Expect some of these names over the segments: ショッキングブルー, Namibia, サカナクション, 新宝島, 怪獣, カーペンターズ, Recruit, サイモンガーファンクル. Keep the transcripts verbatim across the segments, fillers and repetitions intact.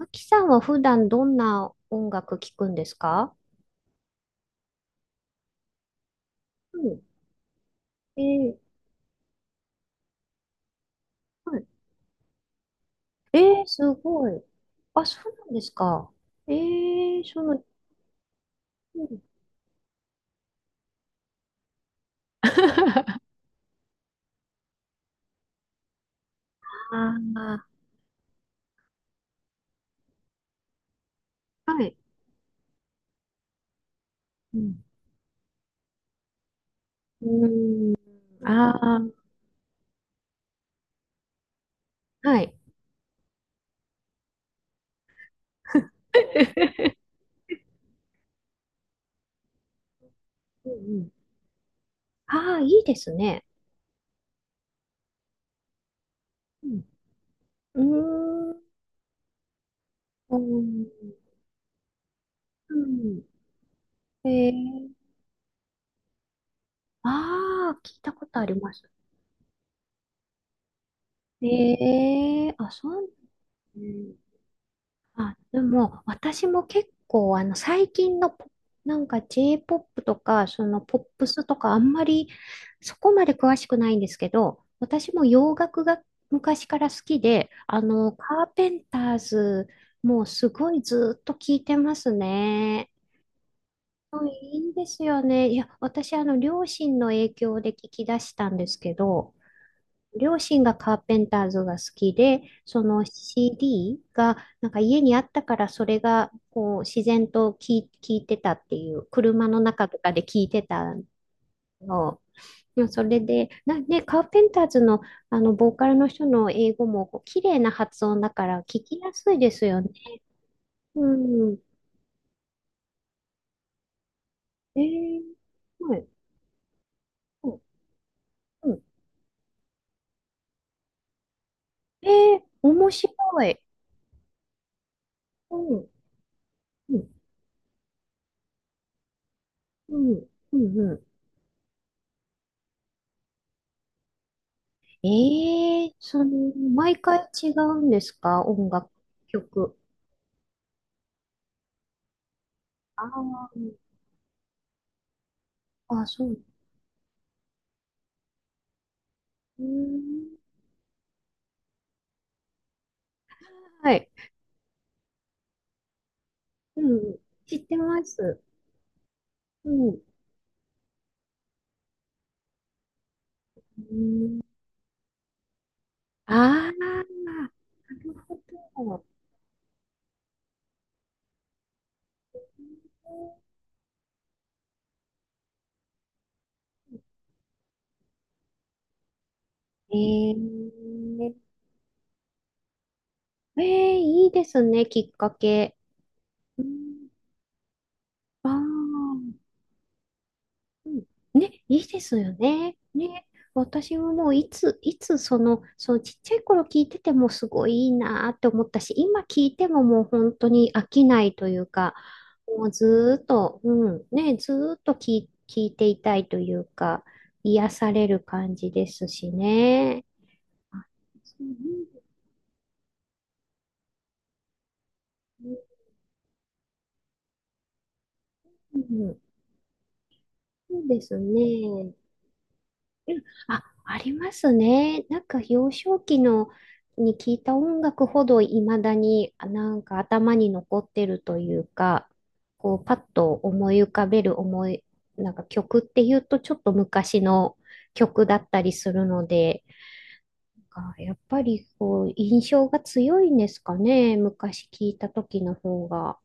あきさんは普段どんな音楽聴くんですか？うん。えー、はい。えー、すごい。あ、そうなんですか。えー、その、うん、ああ、はい。うん。うーん、ああ、はい。うんうん。ああ、いいですね。うん。うーん。うん。うん。えー、ああ、聞いたことあります。えー、あ、そう、ね。あ、でも、私も結構、あの、最近のポ、なんか J-ジェイポップ とか、そのポップスとか、あんまりそこまで詳しくないんですけど、私も洋楽が昔から好きで、あの、カーペンターズ、もうすごいずっと聞いてますね。うん。いいんですよね。いや、私、あの、両親の影響で聞き出したんですけど、両親がカーペンターズが好きで、その シーディー がなんか家にあったからそれがこう自然と聞い、聞いてたっていう、車の中とかで聞いてたの。でもそれで、な、ね、カーペンターズの、あのボーカルの人の英語もこう綺麗な発音だから聞きやすいですよね。うん。えー、はい。うん。うん。えー、面白い。うん。うん。うん。うん。うん。ええ、その、毎回違うんですか、音楽、曲？ああ、あ、そう。うーん、はい。うん、知ってます。うん。うーん、ああ、なるほど。ええ、ええ、いいですね、きっかけ。うん、ああ。うん。ね、いいですよね。ね、私ももういつ、いつその、そのちっちゃい頃聞いててもすごいいいなって思ったし、今聞いてももう本当に飽きないというか、もうずーっと、うん、ね、ずーっと聞い、聞いていたいというか、癒される感じですしね。うん、うん、そうですね。うん。あ、ありますね。なんか幼少期のに聞いた音楽ほどいまだにあなんか頭に残ってるというか、こうパッと思い浮かべる思い、なんか曲っていうとちょっと昔の曲だったりするので、なんかやっぱりこう印象が強いんですかね。昔聞いた時の方が。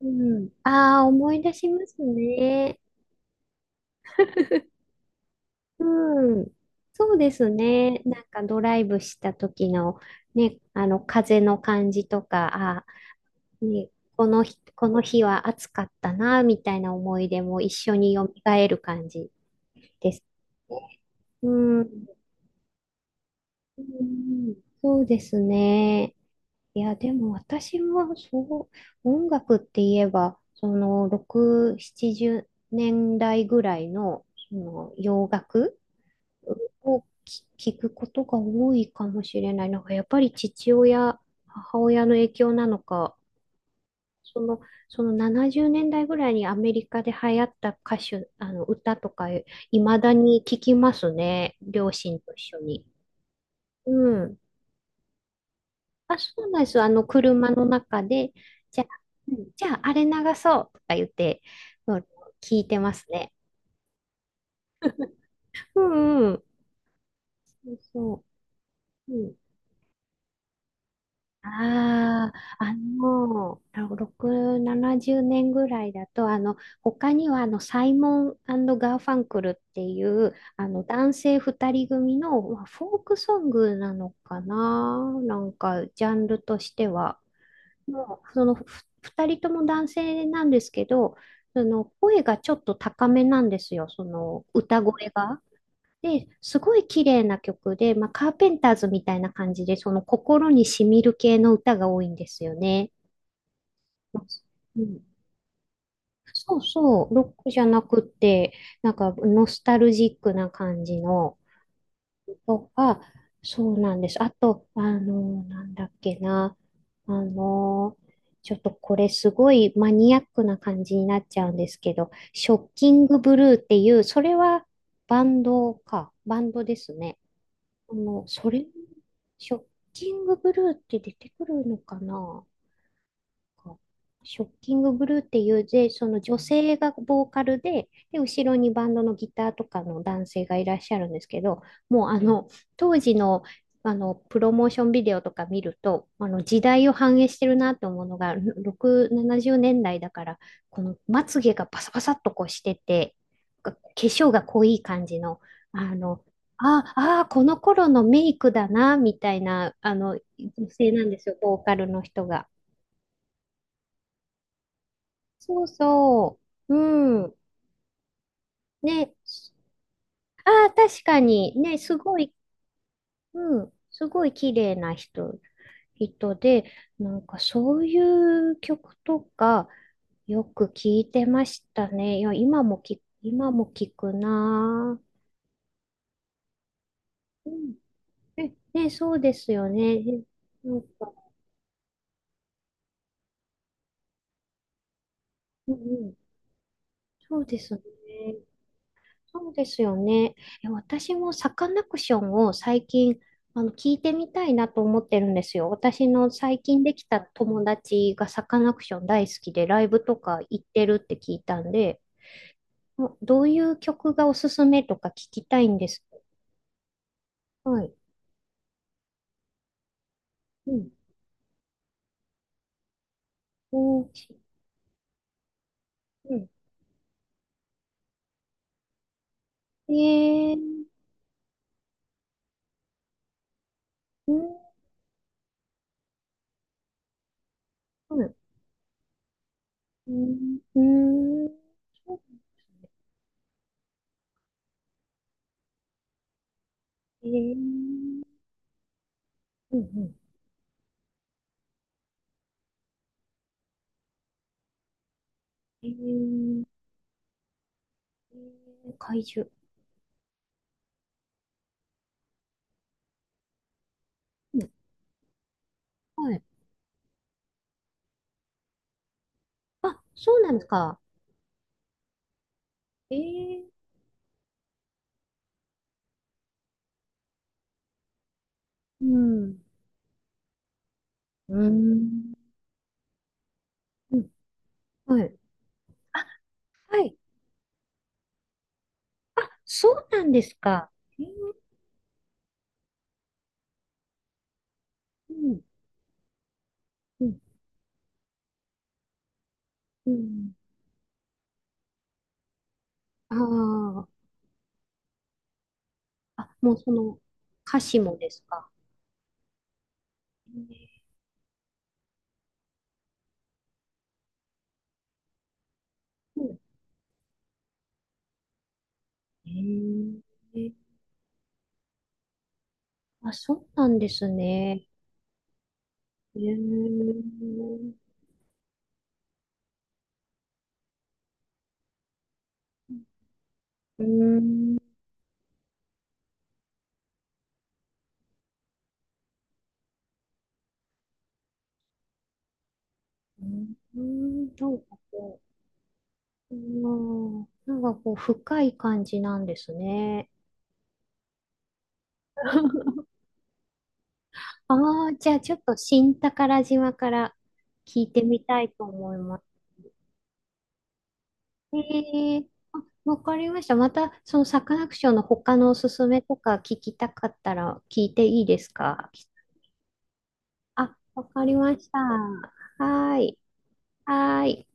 うん。ああ、思い出しますね。うん。そうですね。なんかドライブした時のね、あの風の感じとか、あ、ね、この日、この日は暑かったな、みたいな思い出も一緒に蘇る感じですね。うん。うん、そうですね。いや、でも私はそう、音楽って言えば、そのろく、ななじゅうねんだいぐらいの、その洋楽をき聞くことが多いかもしれない。なんかやっぱり父親、母親の影響なのか、その、そのななじゅうねんだいぐらいにアメリカで流行った歌手、あの歌とか、いまだに聞きますね。両親と一緒に。うん。あ、そうなんです。あの、車の中で、じゃあ、うん。じゃあ、あれ流そうとか言って、うん。聞いてますね。うんうん。そうそう。うん。ああ、あの、ろく、ななじゅうねんぐらいだと、あの、他には、あの、サイモンガーファンクルっていう、あの、男性ふたり組の、まあフォークソングなのかな、なんか、ジャンルとしては。もう、その、ふふたりとも男性なんですけど、その、声がちょっと高めなんですよ、その、歌声が。で、すごい綺麗な曲で、まあ、カーペンターズみたいな感じで、その心に染みる系の歌が多いんですよね。うん、そうそう、ロックじゃなくって、なんかノスタルジックな感じのとか、そうなんです。あと、あの、なんだっけな、あの、ちょっとこれすごいマニアックな感じになっちゃうんですけど、ショッキングブルーっていう、それはバンドか、バンドですね。あの、それ、ショッキングブルーって出てくるのかな、かショッキングブルーっていう、で、その女性がボーカルで、で、後ろにバンドのギターとかの男性がいらっしゃるんですけど、もうあの、当時の、あの、プロモーションビデオとか見ると、あの、時代を反映してるなと思うのが、ろく、ななじゅうねんだいだいだから、このまつげがパサパサっとこうしてて、化粧が濃い感じの、あの、ああ、この頃のメイクだな、みたいな、あの、女性なんですよ、ボーカルの人が。そうそう。うん。ね。ああ、確かに。ね、すごい、うん。すごい綺麗な人、人で、なんかそういう曲とかよく聞いてましたね。いや、今も聞、今も聞くなぁ。うん。えね、そうですよね。えなんか、うんうん。そうですね。そうですよね。え私もサカナクションを最近あの聞いてみたいなと思ってるんですよ。私の最近できた友達がサカナクション大好きでライブとか行ってるって聞いたんで、もうどういう曲がおすすめとか聞きたいんです。はい。うん。おーし。うん。えー、うん、うん、うん、うん、そう。えー、うん、うん、えー、えー怪獣。うん。はい。あ、そうなんですか。ええ。うん。うん。うん。はい。あ、はい。そうなんですか。ええ。うん。うん。うん。ああ。あ、もうその歌詞もですか？ええ。うん。ええ。あ、そうなんですね。ええ。うん、うん。うん、なんかこう、うん、なんかこう、深い感じなんですね。ああ、じゃあちょっと新宝島から聞いてみたいと思います。ええ。あ、わかりました。また、そのサカナクションの他のおすすめとか聞きたかったら聞いていいですか？あ、わかりました。はーい。はーい。